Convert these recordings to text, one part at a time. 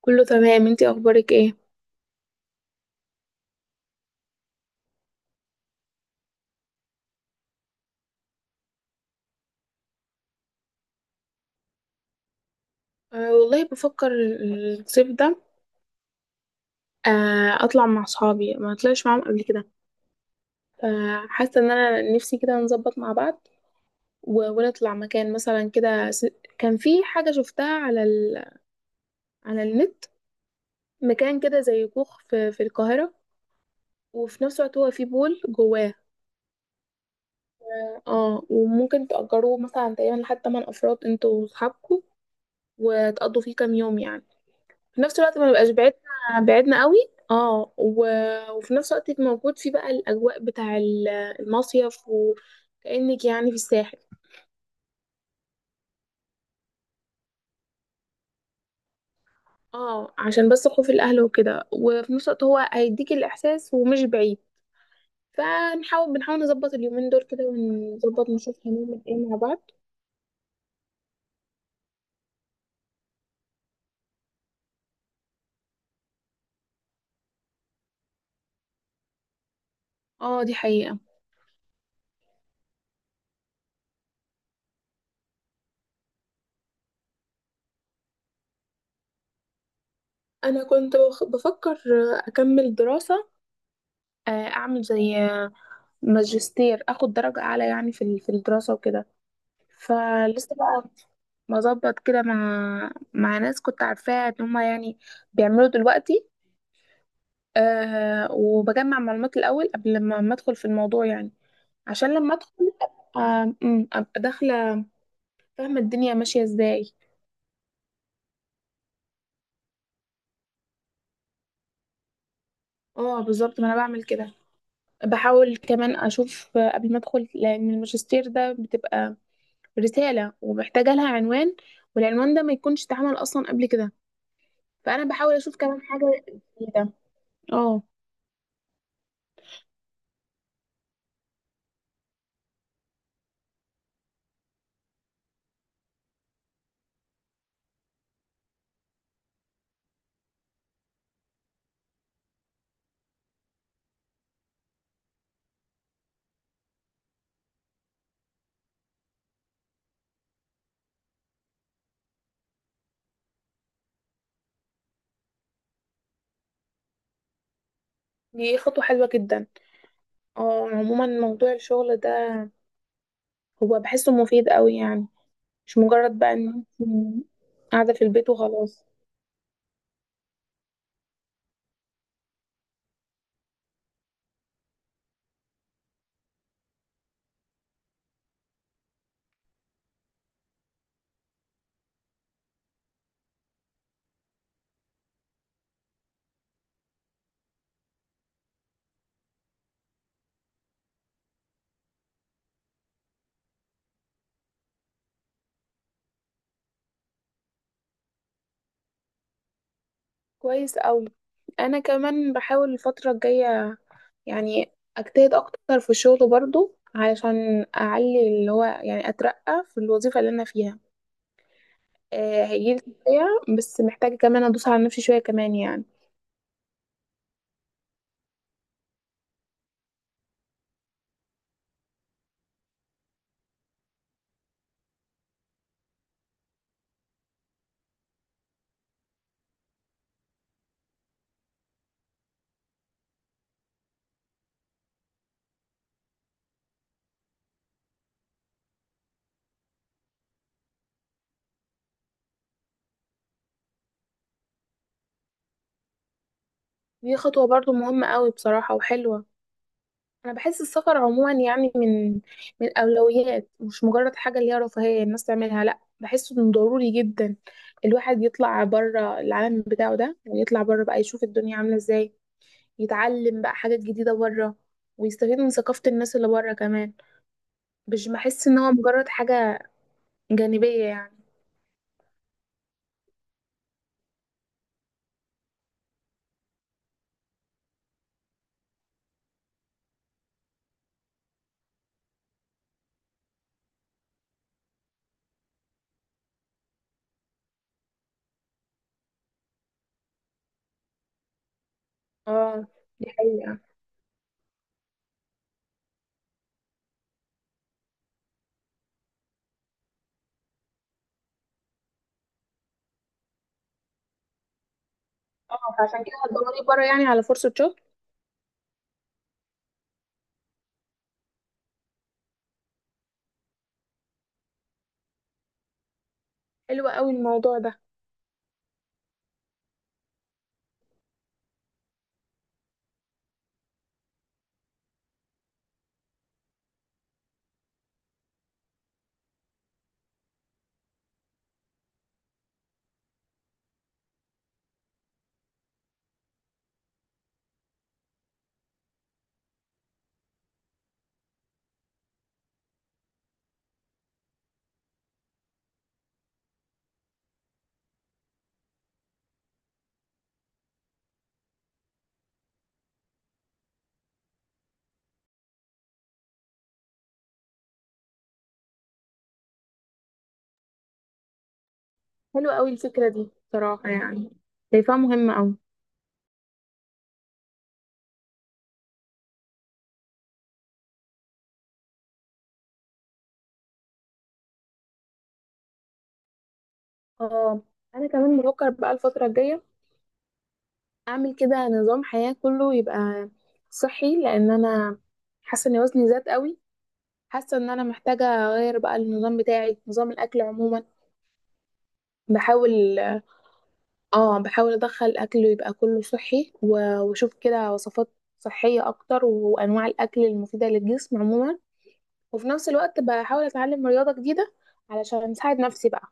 كله تمام، انتي اخبارك ايه؟ أه والله بفكر الصيف ده أه اطلع مع صحابي ما طلعش معاهم قبل كده، فحاسه ان انا نفسي كده نظبط مع بعض ونطلع مكان مثلا كده كان في حاجه شفتها على النت. مكان كده زي كوخ في القاهره، وفي نفس الوقت هو فيه بول جواه. اه، وممكن تأجروه مثلا تقريبا لحد 8 افراد انتوا وصحابكم، وتقضوا فيه كام يوم يعني، في نفس الوقت ما نبقاش بعدنا قوي. اه وفي نفس الوقت يبقى موجود فيه بقى الاجواء المصيف، وكأنك يعني في الساحل. اه، عشان بس خوف الاهل وكده، وفي نفس الوقت هو هيديك الاحساس ومش بعيد. بنحاول نظبط اليومين دول كده، ونظبط نشوف هنعمل ايه مع بعض. اه دي حقيقة. انا كنت بفكر اكمل دراسة، اعمل زي ماجستير، اخد درجة اعلى يعني في الدراسة وكده. فلسه بقى مظبط كده مع ناس كنت عارفاها ان هما يعني بيعملوا دلوقتي. أه، وبجمع معلومات الاول قبل ما ادخل في الموضوع يعني، عشان لما ادخل ابقى، أبقى داخله فاهمه الدنيا ماشيه ازاي. اه بالظبط، ما انا بعمل كده. بحاول كمان اشوف قبل ما ادخل، لان الماجستير ده بتبقى رساله ومحتاجه لها عنوان، والعنوان ده ما يكونش اتعمل اصلا قبل كده، فانا بحاول اشوف كمان حاجه جديده. اه دي خطوة حلوة جدا. اه، عموما موضوع الشغل ده هو بحسه مفيد قوي يعني، مش مجرد بقى ان انت قاعدة في البيت وخلاص. كويس قوي. انا كمان بحاول الفترة الجاية يعني اجتهد اكتر في الشغل برضو، علشان اعلي اللي هو يعني اترقى في الوظيفة اللي انا فيها. آه هيجيلي ترقية، بس محتاجة كمان ادوس على نفسي شوية كمان يعني. دي خطوة برضو مهمة قوي بصراحة وحلوة. انا بحس السفر عموما يعني من الاولويات، مش مجرد حاجه اللي هي رفاهيه الناس تعملها، لا بحسه انه ضروري جدا الواحد يطلع بره العالم بتاعه ده، ويطلع بره بقى يشوف الدنيا عامله ازاي، يتعلم بقى حاجات جديده بره، ويستفيد من ثقافه الناس اللي بره كمان. مش بحس ان هو مجرد حاجه جانبيه يعني. اه دي حقيقه. اه، فعشان كده هتدوري بره يعني على فرصه شغل. حلوه قوي الموضوع ده. حلوه قوي الفكره دي صراحه يعني، شايفاها مهمه قوي. اه، انا كمان بفكر بقى الفتره الجايه اعمل كده نظام حياه كله يبقى صحي، لان انا حاسه ان وزني زاد قوي. حاسه ان انا محتاجه اغير بقى النظام بتاعي، نظام الاكل عموما. بحاول، اه بحاول ادخل اكل يبقى كله صحي واشوف كده وصفات صحيه اكتر، وانواع الاكل المفيده للجسم عموما. وفي نفس الوقت بحاول اتعلم رياضه جديده علشان اساعد نفسي بقى.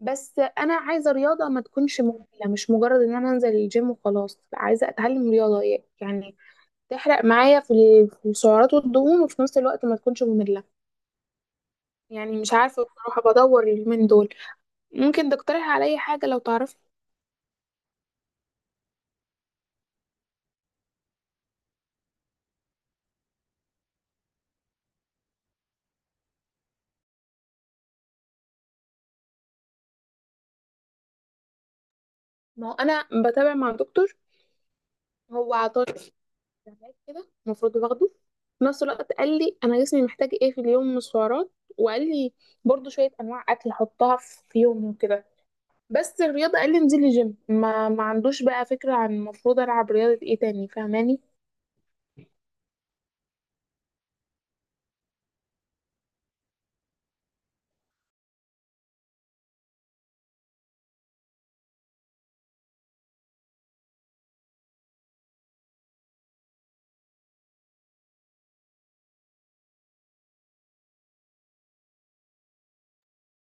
بس انا عايزه رياضه ما تكونش ممله، مش مجرد ان انا انزل الجيم وخلاص. لا، عايزه اتعلم رياضه يعني تحرق معايا في السعرات والدهون، وفي نفس الوقت ما تكونش ممله يعني. مش عارفه بصراحه، بدور اليومين دول. ممكن تقترح عليا حاجه لو تعرف؟ ما هو انا بتابع مع دكتور، هو عطاني استبعاد كده المفروض باخده، في نفس الوقت قال لي انا جسمي محتاج ايه في اليوم من السعرات، وقال لي برضو شويه انواع اكل احطها في يومي وكده. بس الرياضة قال لي انزلي جيم، ما عندوش بقى فكرة عن المفروض العب رياضة ايه تاني، فاهماني؟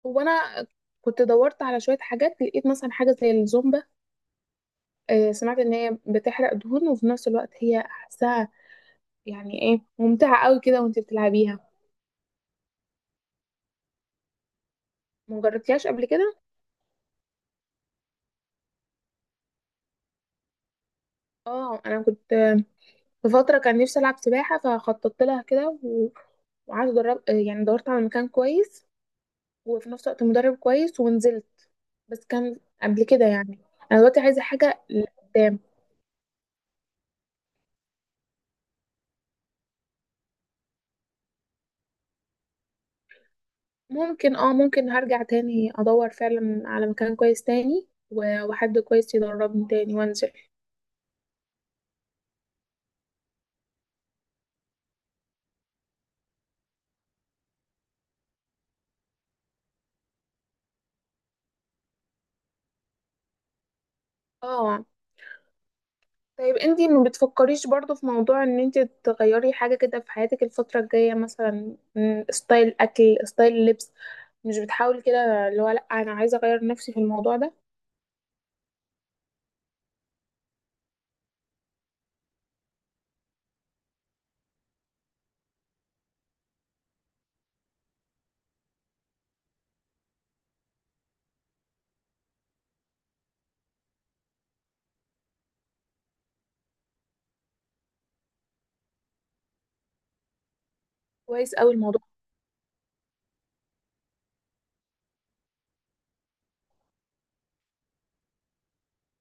هو انا كنت دورت على شوية حاجات، لقيت مثلا حاجة زي الزومبا. سمعت ان هي بتحرق دهون، وفي نفس الوقت هي احسها يعني ايه ممتعة قوي كده وانت بتلعبيها. مجربتيهاش قبل كده؟ اه انا كنت في فترة كان نفسي العب سباحة، فخططت لها كده وقعدت ادرب، يعني دورت على مكان كويس، وفي نفس الوقت مدرب كويس، ونزلت. بس كان قبل كده يعني، انا دلوقتي عايزة حاجة لقدام. ممكن، اه ممكن هرجع تاني ادور فعلا على مكان كويس تاني وحد كويس يدربني تاني وانزل. اه طيب انتي ما بتفكريش برضو في موضوع ان انتي تغيري حاجة كده في حياتك الفترة الجاية، مثلا ستايل اكل، ستايل لبس؟ مش بتحاولي كده اللي هو لا انا عايزة اغير نفسي في الموضوع ده؟ كويس اوي الموضوع.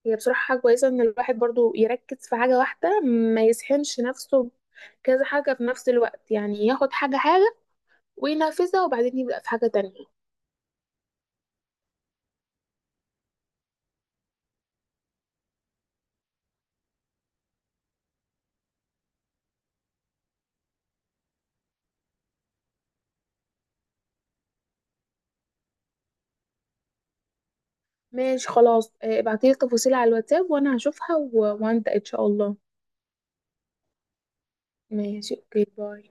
هي بصراحة حاجة كويسة ان الواحد برضو يركز في حاجة واحدة، ما يسحنش نفسه كذا حاجة في نفس الوقت. يعني ياخد حاجة حاجة وينفذها، وبعدين يبدأ في حاجة تانية. ماشي خلاص، ابعتيلي التفاصيل على الواتساب، وانا هشوفها وابدأ ان شاء الله. ماشي اوكي، باي.